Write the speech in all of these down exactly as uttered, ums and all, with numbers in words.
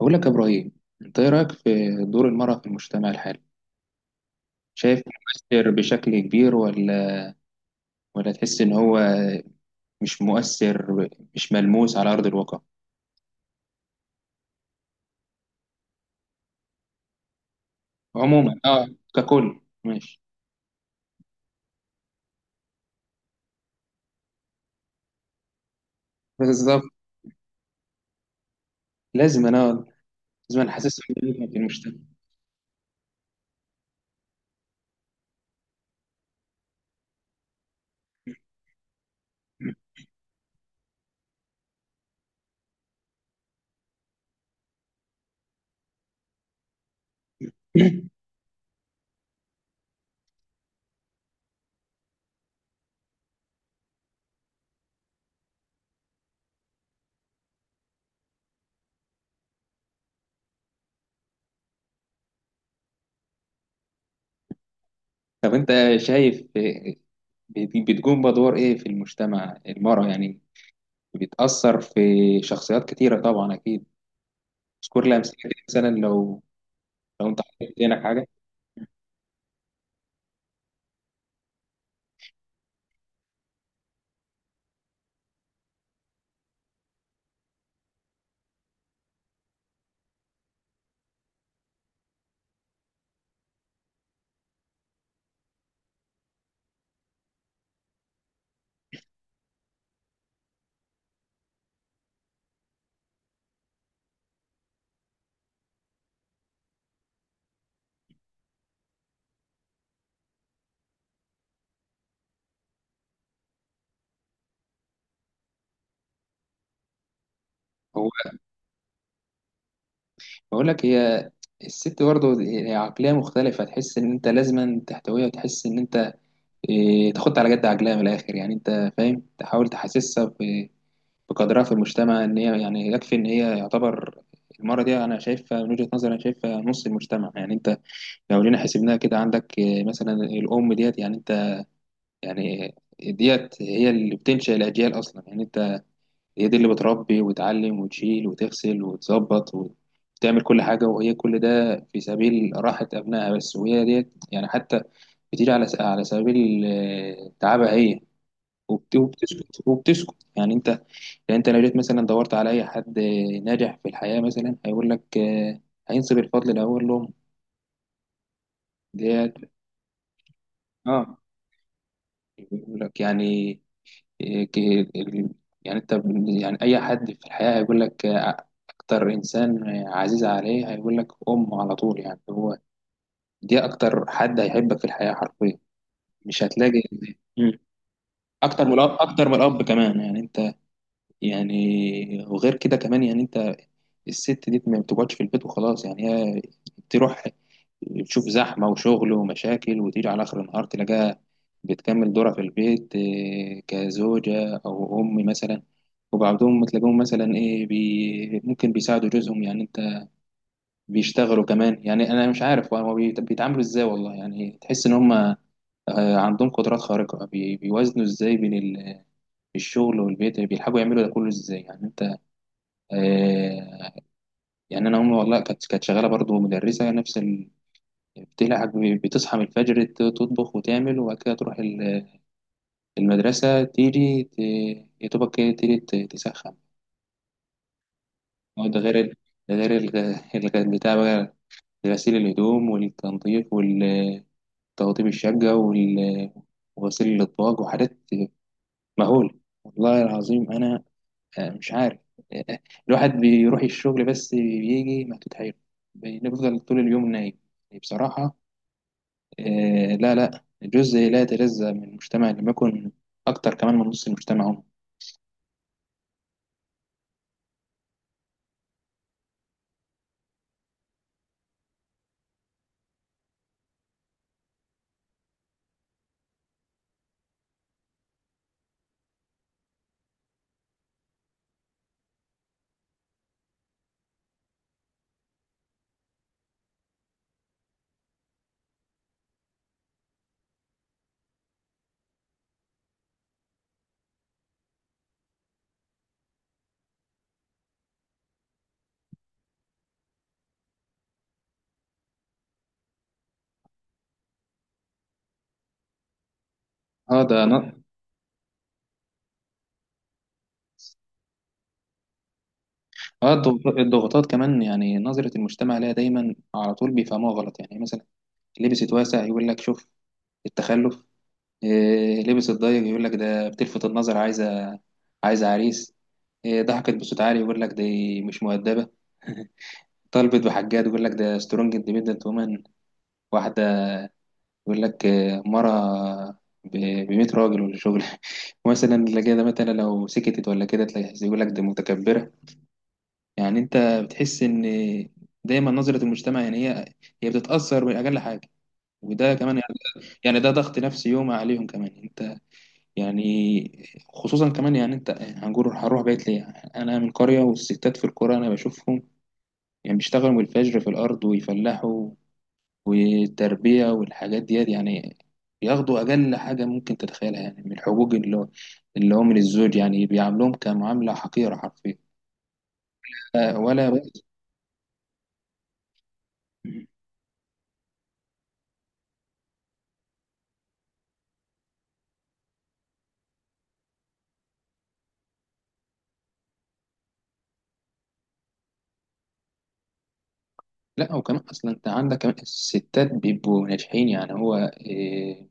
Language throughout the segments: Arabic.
بقول لك يا إبراهيم، أنت إيه رأيك في دور المرأة في المجتمع الحالي؟ شايف مؤثر بشكل كبير ولا ولا تحس إن هو مش مؤثر، مش ملموس على أرض الواقع؟ عموما أه، ككل ماشي. بالظبط، لازم أنا لازم أنا حاسسهم بيهم في المجتمع. طب أنت شايف آه، بت- بتقوم بدور إيه في المجتمع المرأة يعني، بتأثر في شخصيات كتيرة طبعا أكيد. اذكر لي أمثلة كده مثلا، لو لو أنت حطيت في عينك حاجة. بقول لك هي الست برضه، هي عقلية مختلفة، تحس إن أنت لازما تحتويها، وتحس إن أنت إيه، تاخد على جد عقلها من الآخر. يعني أنت فاهم، تحاول تحسسها ب- بقدرها في المجتمع، إن هي يعني يكفي إن هي يعتبر. المرة دي أنا شايفها من وجهة نظري، أنا شايفها نص المجتمع. يعني أنت لو جينا حسبناها كده، عندك إيه، مثلا الأم ديت، يعني أنت يعني آه، ديت هي اللي بتنشئ الأجيال أصلا يعني. هي دي اللي بتربي وتعلم وتشيل وتغسل وتظبط وتعمل كل حاجة، وهي كل ده في سبيل راحة أبنائها بس. وهي ديت يعني حتى بتيجي على على سبيل آه، تعبها هي وبت- وبتسكت وبتسكت، يعني أنت يعني أنت لو جيت مثلا دورت على أي حد آه، ناجح في الحياة، مثلا هيقول لك آه، هينسب الفضل الأول لهم، ديت. اه، يقول لك يعني إيه، ك- ال- يعني انت، يعني اي حد في الحياة هيقول لك آه، اكتر انسان عزيز عليه هيقول لك امه على طول. يعني هو دي اكتر حد هيحبك في الحياة حرفيا، مش هتلاقي. مم. اكتر من الاب، اكتر من الاب كمان، يعني انت، يعني وغير كده كمان يعني انت، الست دي ما بتقعدش في البيت وخلاص. يعني هي تروح تشوف زحمة وشغل ومشاكل، وتيجي على آخر النهار تلاقيها بتكمل دورها في البيت، إيه، كزوجة أو أم مثلا. وبعضهم تلاقيهم مثلا إيه بي ممكن بيساعدوا جوزهم، يعني أنت، بيشتغلوا كمان. يعني أنا مش عارف هو بيت- بيتعاملوا إزاي والله. يعني تحس إن هم آه، عندهم قدرات خارقة، بي- بيوازنوا إزاي بين ال- الشغل والبيت، بيلحقوا يعملوا ده كله إزاي؟ يعني أنت آه، يعني انا امي والله كانت كانت شغاله برضه، مدرسه، نفس ال... بتلعب، بتصحى من الفجر ت- تطبخ وتعمل، وبعد كده تروح ال- المدرسه، تيجي ت... يا دوبك كده تيجي ت- تسخن. هو ده غير ال... ده غير ال... ال- بتاع بقى غسيل الهدوم والتنظيف والتوضيب الشقه وال... وغسيل الاطباق وحاجات مهوله. والله العظيم انا آه، مش عارف. آه، الواحد بيروح الشغل بس، بيجي مكتوت حيله، بنفضل طول اليوم نايم بصراحة. آه، لا لا، جزء لا يتجزأ من المجتمع، لما يكون أكتر كمان من نص المجتمع هم. اه. ده ن- اه الضغط- الضغوطات كمان، يعني نظرة المجتمع لها دايما على طول بيفهموها غلط. يعني مثلا لبست واسع يقول لك شوف التخلف، آه، لبست ضيق يقول لك ده بتلفت النظر، عايزة عايزة عريس، آه، ضحكت بصوت عالي يقول لك دي مش مؤدبة، طلبت بحاجات يقول لك ده سترونج اندبندنت وومن، واحدة يقول لك آه، مرة ب مية راجل ولا شغل، مثلا، اللي كده مثلا لو سكتت ولا كده تلاقي يقول لك دي متكبرة. يعني انت بتحس ان دايما نظرة المجتمع، يعني هي هي بتتأثر بأقل حاجة. وده كمان يعني يعني ده ضغط نفسي يوم عليهم كمان. انت يعني خصوصا كمان يعني انت، هنقول هنروح بيت ليه، انا من قرية والستات في القرى انا بشوفهم، يعني بيشتغلوا من الفجر في الارض ويفلحوا، والتربية والحاجات ديت، يعني بياخدوا أقل حاجة ممكن تتخيلها يعني من الحقوق، اللي هو اللي هو من الزوج. يعني بيعاملوهم كمعاملة حقيرة حرفيا، لا- ولا بقى. لا، وكمان أصلا أنت عندك كمان الستات بيبقوا ناجحين. يعني هو إيه،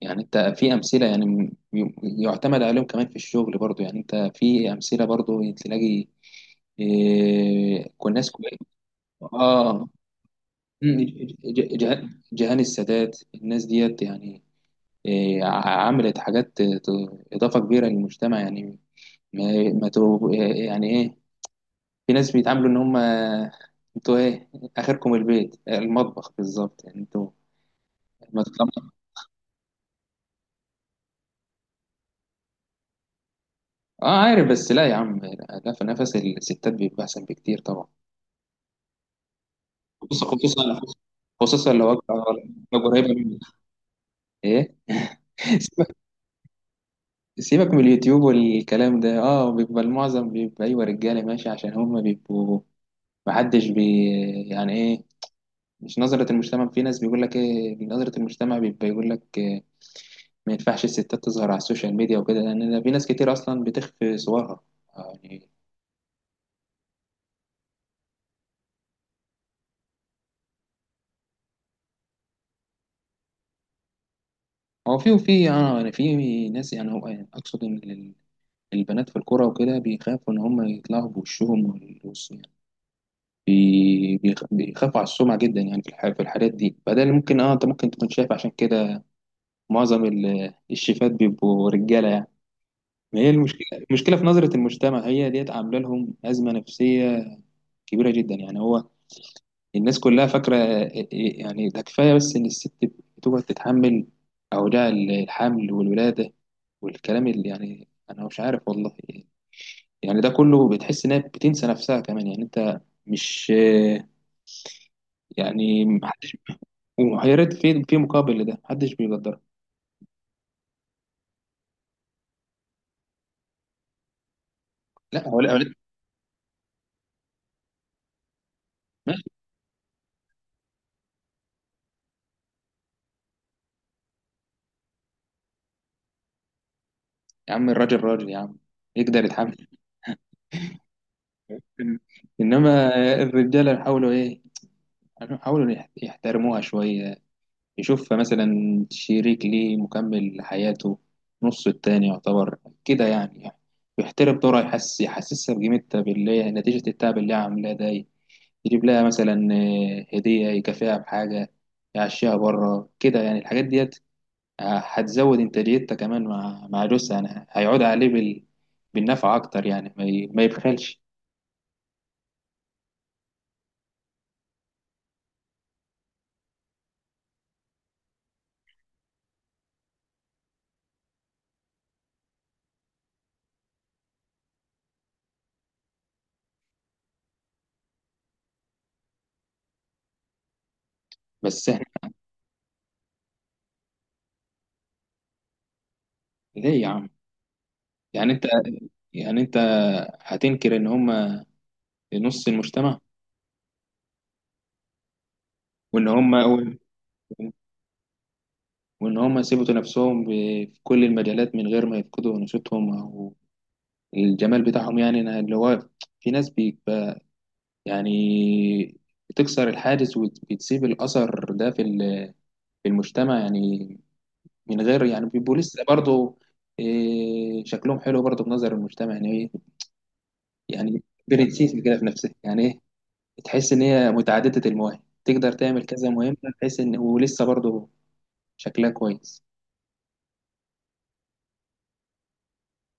يعني أنت في أمثلة يعني م- يعتمد عليهم كمان في الشغل برضو. يعني أنت في أمثلة برضو تلاقي، إيه، كل ناس كويسة. آه. مم، ج- ج- جه- جهان السادات، الناس ديت يعني إيه، ع- عملت حاجات ت- إضافة كبيرة للمجتمع يعني. ما ما تو- يعني إيه، في ناس بيتعاملوا إن هم أنتوا إيه، آخركم البيت، المطبخ، بالظبط. يعني أنتوا ما تطلعوا. آه عارف، بس لا يا عم، لا لا، في نفس الستات بيبقى أحسن بكتير طبعا، خصوصا، خصوصا خصوصا لو وجبة لو قريبة منك، إيه سيبك سيبك من اليوتيوب والكلام ده. اه، بيبقى المعظم بيبقى ايوه رجاله، ماشي، عشان هم بيبقوا محدش بي يعني ايه، مش نظرة المجتمع. في ناس بيقول لك ايه، نظرة المجتمع بيبقى يقول لك إيه، ما ينفعش الستات تظهر على السوشيال ميديا وكده، لان في ناس كتير اصلا بتخفي صورها يعني. هو في وفي اه، يعني في ناس، يعني هو يعني اقصد ان ال- البنات في الكوره وكده بيخافوا ان هم يطلعوا بوشهم وال- والص- يعني بي- بيخ- بيخافوا على السمعه جدا يعني في الح- في الحاجات دي. فده اللي ممكن، اه انت ممكن تكون شايف عشان كده معظم ال- الشيفات بيبقوا رجاله يعني. ما هي المشكله المشكله في نظره المجتمع، هي ديت عامله لهم ازمه نفسيه كبيره جدا يعني. هو الناس كلها فاكره آه، آه، آه، يعني ده كفايه بس ان الست بتقعد تتحمل اوجاع الحمل والولاده والكلام اللي، يعني انا مش عارف والله، يعني ده كله بتحس انها بتنسى نفسها كمان. يعني انت مش، آه، يعني محدش، ويا ريت في في مقابل لده محدش بيقدرها. لا هو، لا هو، لا، ماشي، يا عم الراجل راجل يا عم، يقدر يتحمل. انما الرجاله حاولوا ايه، حاولوا يحترموها شويه، يشوف مثلا شريك ليه مكمل لحياته، نص التاني يعتبر كده يعني يعني يحترم دورها، يحس يحسسها بقيمتها باللي هي نتيجة التعب اللي هي عاملاه ده، يجيب لها مثلا آه، هدية، يكافئها بحاجة، يعشيها بره كده، يعني الحاجات ديت آه، هتزود إنتاجيتها كمان مع مع جوزها، يعني هيعود عليه بال... بالنفع أكتر يعني. ما, ي... ما يبخلش. بس إحنا ليه يا عم، يعني أنت يعني أنت هتنكر إن هما نص المجتمع؟ وإن هما، وإن هم يثبتوا نفسهم ب- في كل المجالات من غير ما يفقدوا نشاطهم أو الجمال بتاعهم، يعني أنا اللي هو في ناس بيبقى يعني بتكسر الحاجز وبتسيب الأثر ده في ال- في المجتمع يعني، من غير يعني بيبقوا لسه برضه إيه، شكلهم حلو برضه في نظر المجتمع. يعني إيه يعني، برنسيس كده في نفسها. يعني إيه، تحس إن هي متعددة المواهب، تقدر تعمل كذا مهمة، تحس إن ولسه برضه شكلها كويس.